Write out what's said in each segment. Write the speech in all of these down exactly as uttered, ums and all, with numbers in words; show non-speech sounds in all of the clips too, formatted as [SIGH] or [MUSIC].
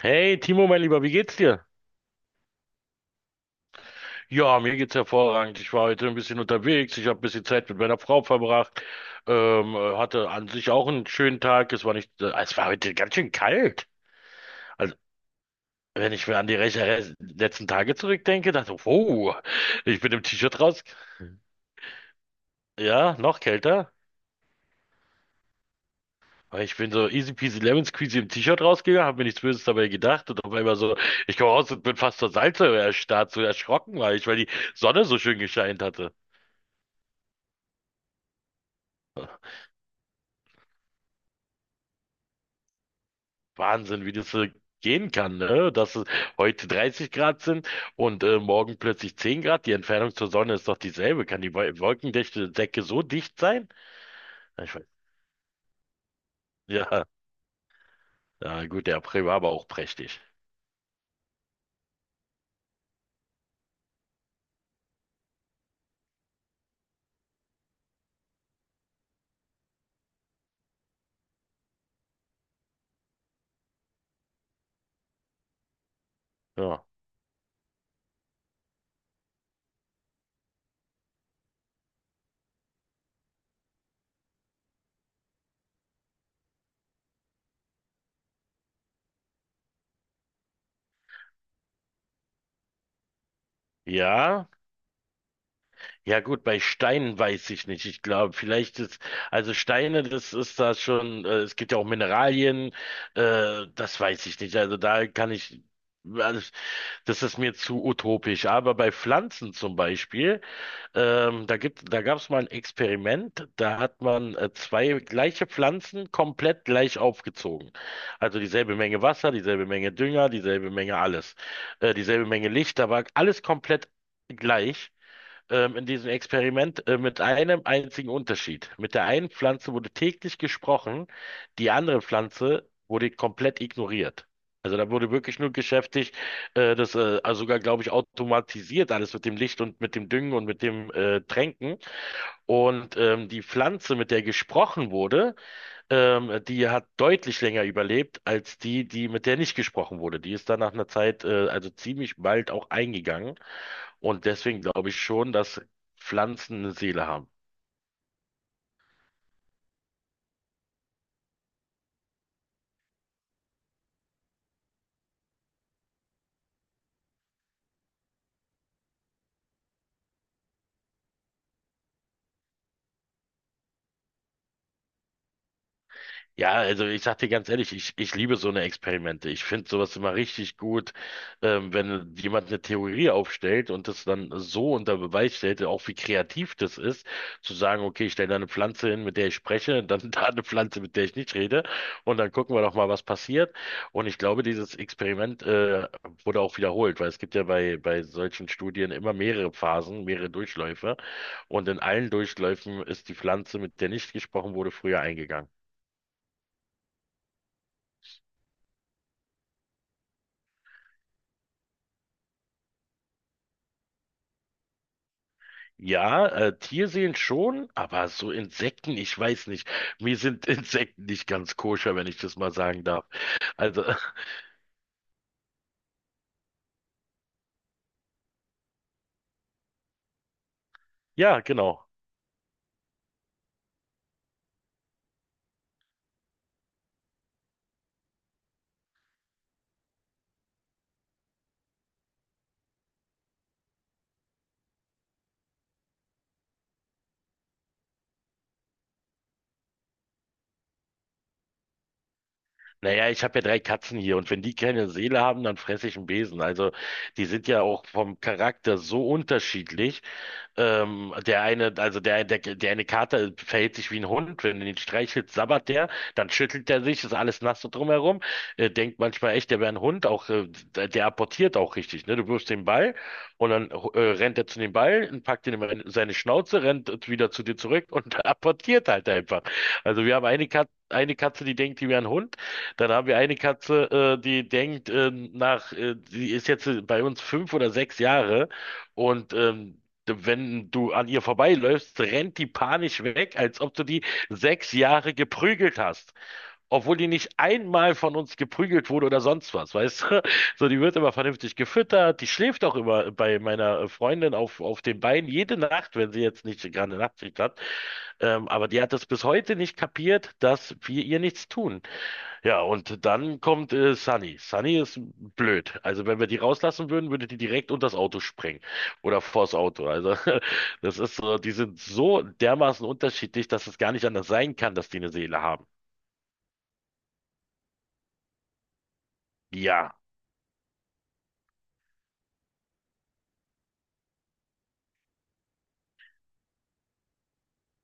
Hey Timo, mein Lieber, wie geht's dir? Ja, mir geht's hervorragend. Ich war heute ein bisschen unterwegs. Ich habe ein bisschen Zeit mit meiner Frau verbracht. Ähm, äh, hatte an sich auch einen schönen Tag. Es war nicht, äh, es war heute ganz schön kalt. Also, wenn ich mir an die recht- re- letzten Tage zurückdenke, dachte ich, wow, ich bin im T-Shirt raus. Ja, noch kälter. Weil ich bin so easy peasy lemon squeezy im T-Shirt rausgegangen, habe mir nichts Böses dabei gedacht und auf einmal so, ich komme raus und bin fast zur Salzsäure erstarrt, so erschrocken war ich, weil die Sonne so schön gescheint hatte. Wahnsinn, wie das äh, gehen kann, ne? Dass es heute dreißig Grad sind und äh, morgen plötzlich zehn Grad. Die Entfernung zur Sonne ist doch dieselbe. Kann die Wol- wolkendichte Decke so dicht sein? Ich weiß. Ja, ja, gut, der April war aber auch prächtig. Ja. Ja, ja gut, bei Steinen weiß ich nicht. Ich glaube, vielleicht ist, also Steine, das ist da schon, äh, es gibt ja auch Mineralien, äh, das weiß ich nicht. Also da kann ich, also das ist mir zu utopisch. Aber bei Pflanzen zum Beispiel, Ähm, da gibt, da gab es mal ein Experiment, da hat man äh, zwei gleiche Pflanzen komplett gleich aufgezogen. Also dieselbe Menge Wasser, dieselbe Menge Dünger, dieselbe Menge alles, äh, dieselbe Menge Licht, da war alles komplett gleich ähm, in diesem Experiment äh, mit einem einzigen Unterschied. Mit der einen Pflanze wurde täglich gesprochen, die andere Pflanze wurde komplett ignoriert. Also da wurde wirklich nur geschäftigt, äh, das äh, also sogar, glaube ich, automatisiert alles mit dem Licht und mit dem Düngen und mit dem äh, Tränken. Und ähm, die Pflanze, mit der gesprochen wurde, ähm, die hat deutlich länger überlebt als die, die mit der nicht gesprochen wurde. Die ist dann nach einer Zeit, äh, also ziemlich bald auch eingegangen. Und deswegen glaube ich schon, dass Pflanzen eine Seele haben. Ja, also ich sag dir ganz ehrlich, ich, ich liebe so eine Experimente. Ich finde sowas immer richtig gut, ähm, wenn jemand eine Theorie aufstellt und das dann so unter Beweis stellt, auch wie kreativ das ist, zu sagen, okay, ich stelle da eine Pflanze hin, mit der ich spreche, dann [LAUGHS] da eine Pflanze, mit der ich nicht rede, und dann gucken wir doch mal, was passiert. Und ich glaube, dieses Experiment, äh, wurde auch wiederholt, weil es gibt ja bei, bei solchen Studien immer mehrere Phasen, mehrere Durchläufe. Und in allen Durchläufen ist die Pflanze, mit der nicht gesprochen wurde, früher eingegangen. Ja, äh, Tierseen schon, aber so Insekten, ich weiß nicht. Mir sind [LAUGHS] Insekten nicht ganz koscher, wenn ich das mal sagen darf. Also, [LAUGHS] ja, genau. Naja, ich habe ja drei Katzen hier und wenn die keine Seele haben, dann fresse ich einen Besen. Also, die sind ja auch vom Charakter so unterschiedlich. Ähm, der eine, also der, der, der eine Kater verhält sich wie ein Hund. Wenn du ihn streichelst, sabbert der, dann schüttelt er sich, ist alles nass so drumherum. Äh, denkt manchmal echt, der wäre ein Hund, auch äh, der der apportiert auch richtig, ne? Du wirfst den Ball und dann äh, rennt er zu dem Ball und packt ihn in seine Schnauze, rennt wieder zu dir zurück und [LAUGHS] apportiert halt einfach. Also wir haben eine Katze, eine Katze, die denkt, die wäre ein Hund. Dann haben wir eine Katze, äh, die denkt, äh, nach, äh, die ist jetzt äh, bei uns fünf oder sechs Jahre und ähm, wenn du an ihr vorbeiläufst, rennt die panisch weg, als ob du die sechs Jahre geprügelt hast. Obwohl die nicht einmal von uns geprügelt wurde oder sonst was, weißt du? [LAUGHS] So, die wird immer vernünftig gefüttert, die schläft auch immer bei meiner Freundin auf, auf, den Beinen jede Nacht, wenn sie jetzt nicht gerade eine Nachtschicht hat. Ähm, aber die hat es bis heute nicht kapiert, dass wir ihr nichts tun. Ja, und dann kommt äh, Sunny. Sunny ist blöd. Also wenn wir die rauslassen würden, würde die direkt unter das Auto sprengen. Oder vors Auto. Also, [LAUGHS] das ist so, die sind so dermaßen unterschiedlich, dass es gar nicht anders sein kann, dass die eine Seele haben. Ja.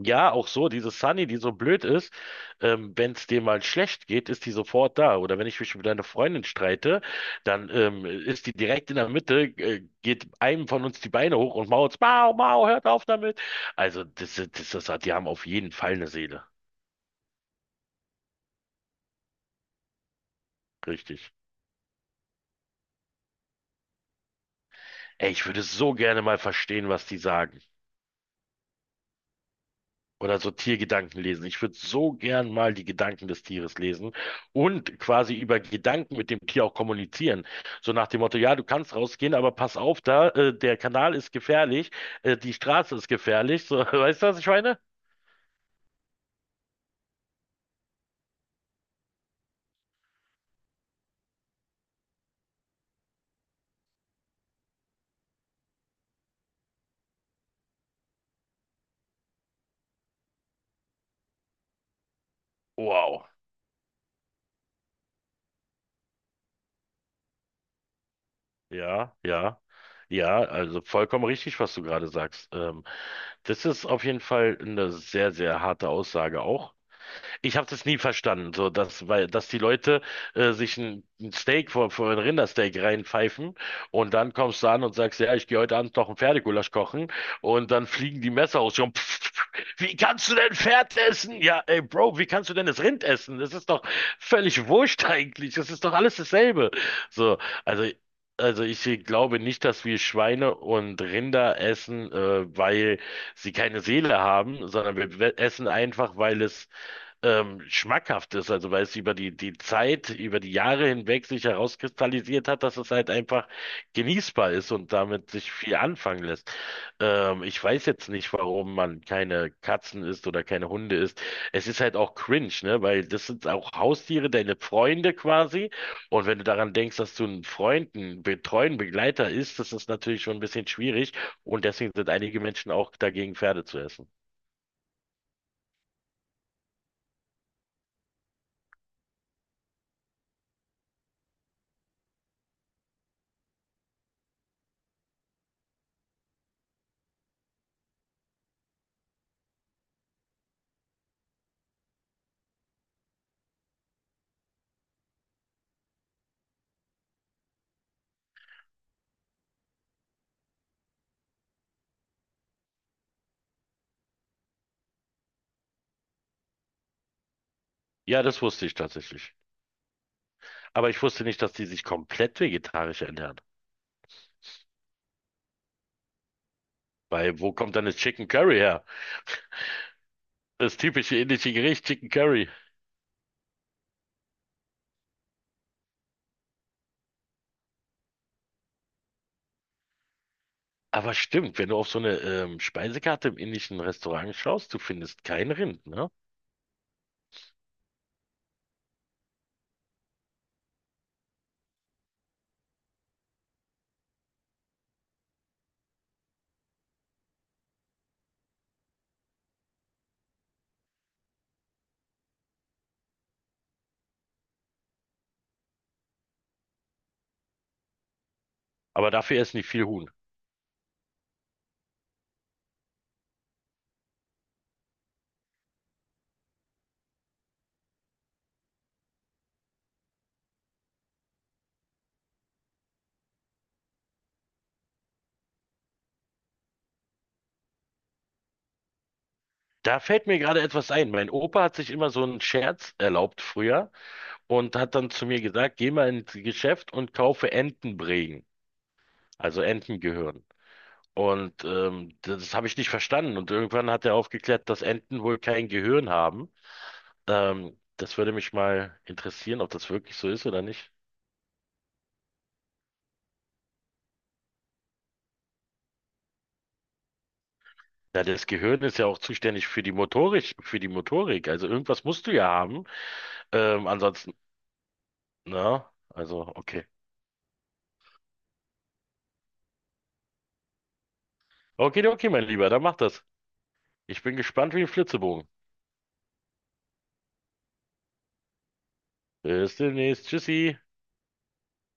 Ja, auch so, diese Sunny, die so blöd ist, ähm, wenn es dir mal schlecht geht, ist die sofort da. Oder wenn ich mich mit einer Freundin streite, dann ähm, ist die direkt in der Mitte, äh, geht einem von uns die Beine hoch und mault, Mau, Mau, hört auf damit. Also, das, das, das, die haben auf jeden Fall eine Seele. Richtig. Ey, ich würde so gerne mal verstehen, was die sagen. Oder so Tiergedanken lesen. Ich würde so gern mal die Gedanken des Tieres lesen und quasi über Gedanken mit dem Tier auch kommunizieren. So nach dem Motto, ja, du kannst rausgehen, aber pass auf da, äh, der Kanal ist gefährlich, äh, die Straße ist gefährlich. So, [LAUGHS] weißt du, was ich meine? Wow. Ja, ja, ja, also vollkommen richtig, was du gerade sagst. Ähm, das ist auf jeden Fall eine sehr, sehr harte Aussage auch. Ich habe das nie verstanden, so dass, weil, dass die Leute äh, sich ein, ein Steak vor, vor ein Rindersteak reinpfeifen und dann kommst du an und sagst, ja, ich gehe heute Abend noch ein Pferdegulasch kochen und dann fliegen die Messer aus. Und pff, pff, wie kannst du denn Pferd essen? Ja, ey, Bro, wie kannst du denn das Rind essen? Das ist doch völlig wurscht eigentlich. Das ist doch alles dasselbe. So, also Also ich glaube nicht, dass wir Schweine und Rinder essen, äh, weil sie keine Seele haben, sondern wir we- essen einfach, weil es ähm, schmackhaft ist, also weil es über die, die Zeit, über die Jahre hinweg sich herauskristallisiert hat, dass es halt einfach genießbar ist und damit sich viel anfangen lässt. Ähm, ich weiß jetzt nicht, warum man keine Katzen isst oder keine Hunde isst. Es ist halt auch cringe, ne? Weil das sind auch Haustiere, deine Freunde quasi. Und wenn du daran denkst, dass du einen Freund, einen betreuen Begleiter isst, das ist natürlich schon ein bisschen schwierig. Und deswegen sind einige Menschen auch dagegen, Pferde zu essen. Ja, das wusste ich tatsächlich. Aber ich wusste nicht, dass die sich komplett vegetarisch ernähren. Weil wo kommt dann das Chicken Curry her? Das typische indische Gericht, Chicken Curry. Aber stimmt, wenn du auf so eine ähm, Speisekarte im indischen Restaurant schaust, du findest kein Rind, ne? Aber dafür essen die viel Huhn. Da fällt mir gerade etwas ein. Mein Opa hat sich immer so einen Scherz erlaubt früher und hat dann zu mir gesagt, geh mal ins Geschäft und kaufe Entenbrägen, also Entengehirn. Und ähm, das habe ich nicht verstanden. Und irgendwann hat er aufgeklärt, dass Enten wohl kein Gehirn haben. Ähm, das würde mich mal interessieren, ob das wirklich so ist oder nicht. Ja, das Gehirn ist ja auch zuständig für die Motorik, für die Motorik. Also irgendwas musst du ja haben. Ähm, ansonsten, na, also, okay. Okay, okay, mein Lieber, dann mach das. Ich bin gespannt wie ein Flitzebogen. Bis demnächst. Tschüssi.